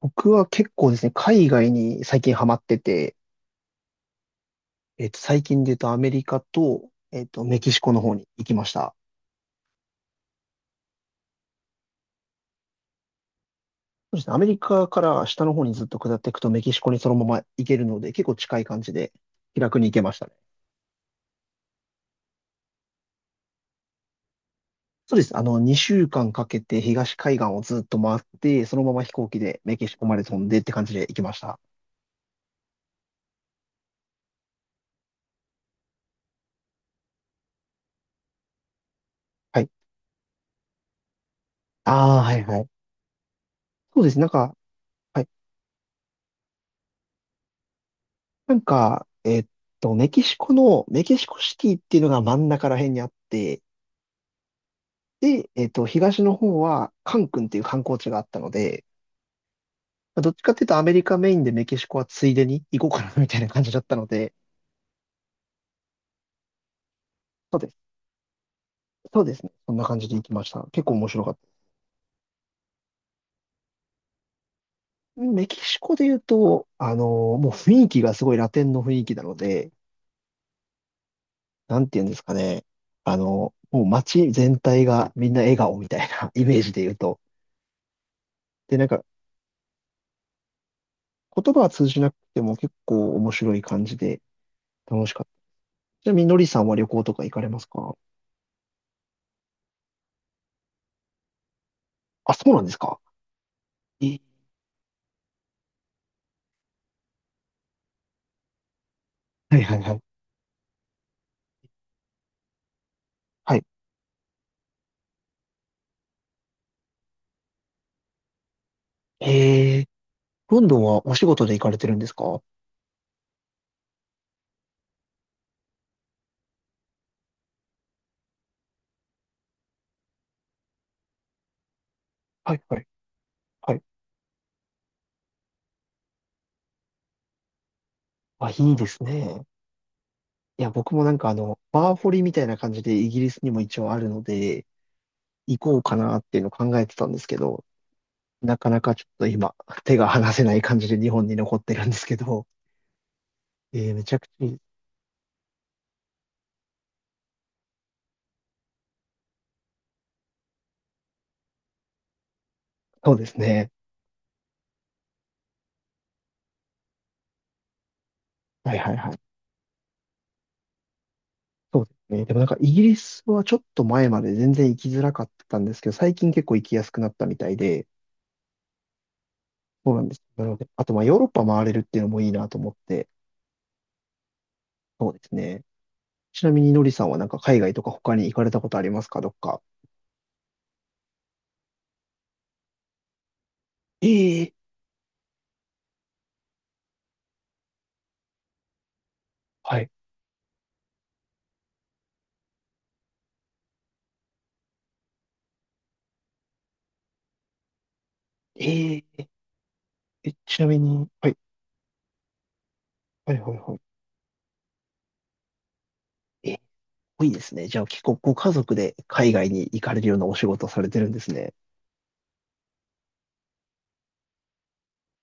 僕は結構ですね、海外に最近ハマってて、最近で言うとアメリカと、メキシコの方に行きました。そうですね、アメリカから下の方にずっと下っていくとメキシコにそのまま行けるので、結構近い感じで気楽に行けましたね。そうです。2週間かけて東海岸をずっと回って、そのまま飛行機でメキシコまで飛んでって感じで行きました。はい。ああ、はいはい。そうです。なんか、はい。なんか、メキシコシティっていうのが真ん中ら辺にあって、で、東の方は、カン君っていう観光地があったので、まあどっちかっていうとアメリカメインでメキシコはついでに行こうかなみたいな感じだったので、そうです。そうですね。そんな感じで行きました。結構面白かった。メキシコで言うと、もう雰囲気がすごいラテンの雰囲気なので、なんて言うんですかね。もう街全体がみんな笑顔みたいな イメージで言うと。で、なんか、言葉は通じなくても結構面白い感じで楽しかった。ちなみに、のりさんは旅行とか行かれますか？あ、そうなんですか。えはいはいはい。はい。えー、ロンドンはお仕事で行かれてるんですか？はいはいはい。あ、いいですね。いや、僕もなんかバーホリみたいな感じでイギリスにも一応あるので、行こうかなっていうのを考えてたんですけど、なかなかちょっと今、手が離せない感じで日本に残ってるんですけど、めちゃくちゃいい、そうですね。はいはいはい。そうですね。でもなんかイギリスはちょっと前まで全然行きづらかったんですけど、最近結構行きやすくなったみたいで、そうなんです。なので、あと、まあ、ヨーロッパ回れるっていうのもいいなと思って、そうですね。ちなみに、のりさんはなんか海外とか他に行かれたことありますか、どっか？ええはい。えええちなみに、はい、はい、はい、はい。いいですね。じゃあ、結構ご家族で海外に行かれるようなお仕事をされてるんですね。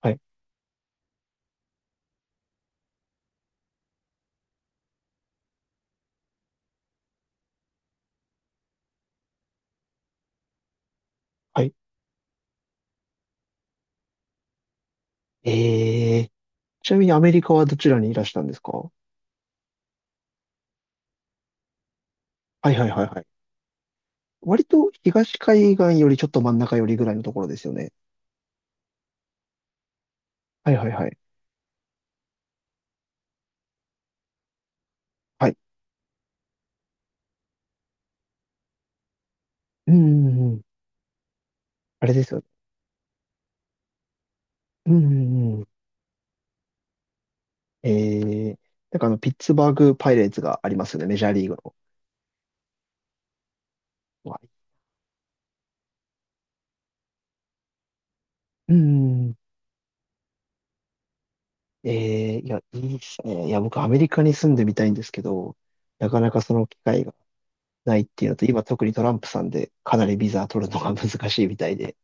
はい、はい。ええちなみにアメリカはどちらにいらしたんですか？はい、はい、はい、はい。割と東海岸よりちょっと真ん中よりぐらいのところですよね。はい、はい、はい。はい。うん、うんうん、あれですよね。うんうんうん、えー、なんかピッツバーグパイレーツがありますよね、メジャーリーグの。はい。うん。いや、いいですね。いや、僕、アメリカに住んでみたいんですけど、なかなかその機会がないっていうのと、今、特にトランプさんで、かなりビザ取るのが難しいみたいで。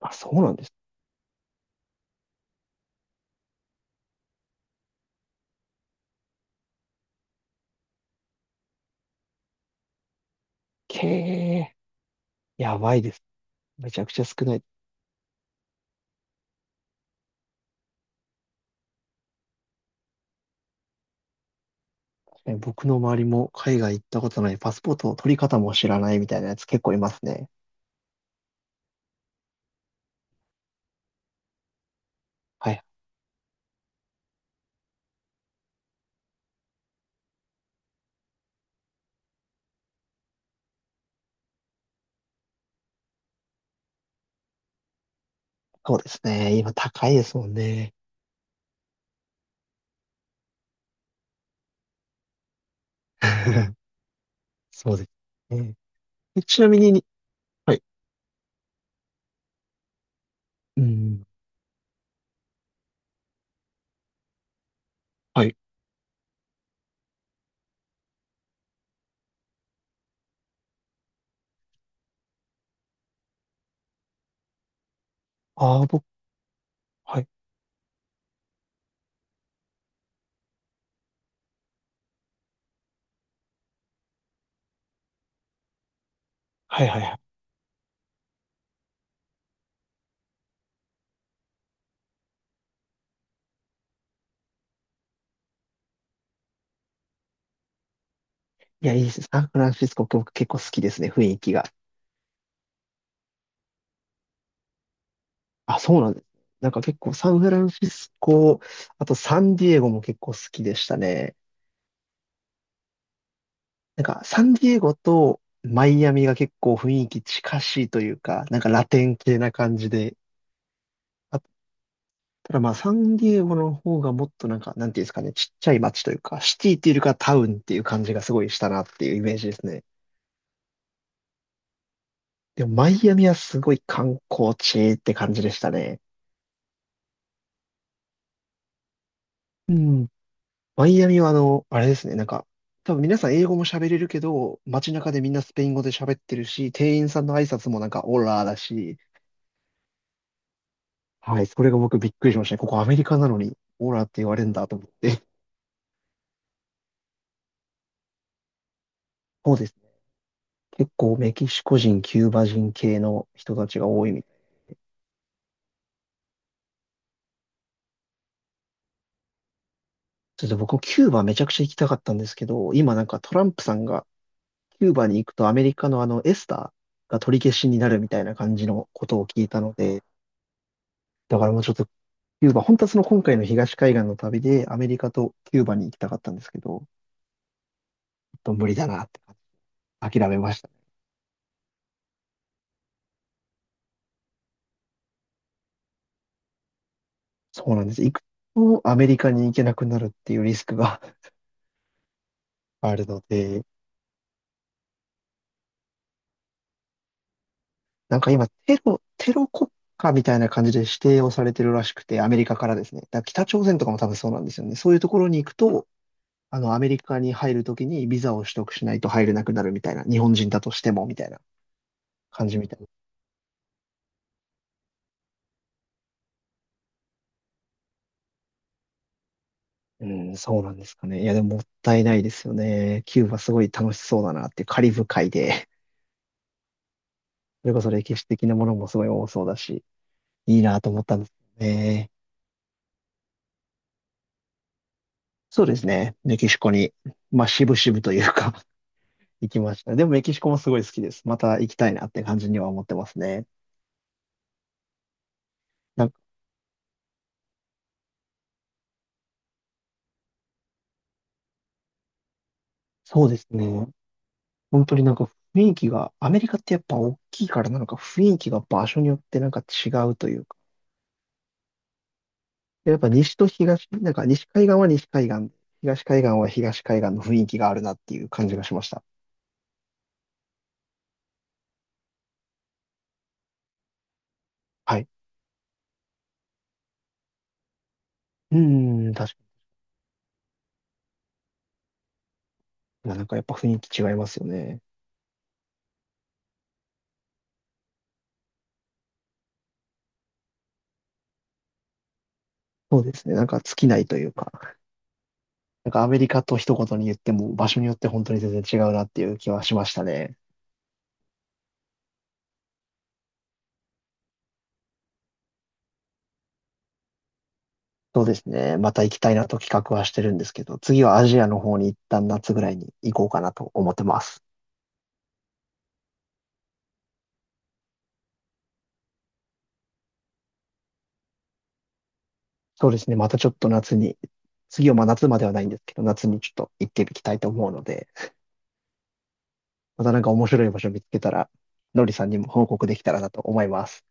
あ、そうなんです。けえ、やばいです。めちゃくちゃ少ない。僕の周りも海外行ったことない、パスポートの取り方も知らないみたいなやつ結構いますね。はい。そうですね。今、高いですもんね。そうですね。ちなみに、はい。うん。はい。ああ、僕、はい。はいはいはい。いや、いいです。サンフランシスコ、僕結構好きですね、雰囲気が。あ、そうなんですね。なんか結構サンフランシスコ、あとサンディエゴも結構好きでしたね。なんかサンディエゴとマイアミが結構雰囲気近しいというか、なんかラテン系な感じで。あ、ただまあサンディエゴの方がもっとなんか、なんていうんですかね、ちっちゃい街というか、シティっていうよりかはタウンっていう感じがすごいしたなっていうイメージですね。でも、マイアミはすごい観光地って感じでしたね。うん。マイアミはあれですね、なんか、多分皆さん英語も喋れるけど、街中でみんなスペイン語で喋ってるし、店員さんの挨拶もなんかオラーだし、はい、それが僕びっくりしましたね。ここアメリカなのにオラーって言われるんだと思って。そうですね。結構メキシコ人、キューバ人系の人たちが多いみたい。ちょっ僕もキューバめちゃくちゃ行きたかったんですけど、今なんかトランプさんがキューバに行くとアメリカのエスターが取り消しになるみたいな感じのことを聞いたので、だからもうちょっとキューバ、本当はその今回の東海岸の旅でアメリカとキューバに行きたかったんですけど、ちょっと無理だなって感じ諦めましたね。そうなんです。行くとアメリカに行けなくなるっていうリスクが あるので、なんか今テロ国家みたいな感じで指定をされてるらしくて、アメリカからですね。だから北朝鮮とかも多分そうなんですよね。そういうところに行くと、アメリカに入るときにビザを取得しないと入れなくなるみたいな、日本人だとしてもみたいな感じみたいな。うん、そうなんですかね。いや、でももったいないですよね。キューバすごい楽しそうだなってカリブ海で、それこそ歴史的なものもすごい多そうだし、いいなと思ったんですよね。そうですね。メキシコに、まあ、渋々というか 行きました。でもメキシコもすごい好きです。また行きたいなって感じには思ってますね。なんかそうですね。本当になんか雰囲気が、アメリカってやっぱ大きいからなのか雰囲気が場所によってなんか違うというか、やっぱ西と東、なんか西海岸は西海岸で、東海岸は東海岸の雰囲気があるなっていう感じがしました。はい。うーん、確かに。なんかやっぱ雰囲気違いますよね。そうですね。なんか尽きないというか、なんかアメリカと一言に言っても場所によって本当に全然違うなっていう気はしましたね。そうですね。また行きたいなと企画はしてるんですけど、次はアジアの方に一旦夏ぐらいに行こうかなと思ってます。そうですね。またちょっと夏に、次はまあ夏まではないんですけど、夏にちょっと行っていきたいと思うので、またなんか面白い場所見つけたら、のりさんにも報告できたらなと思います。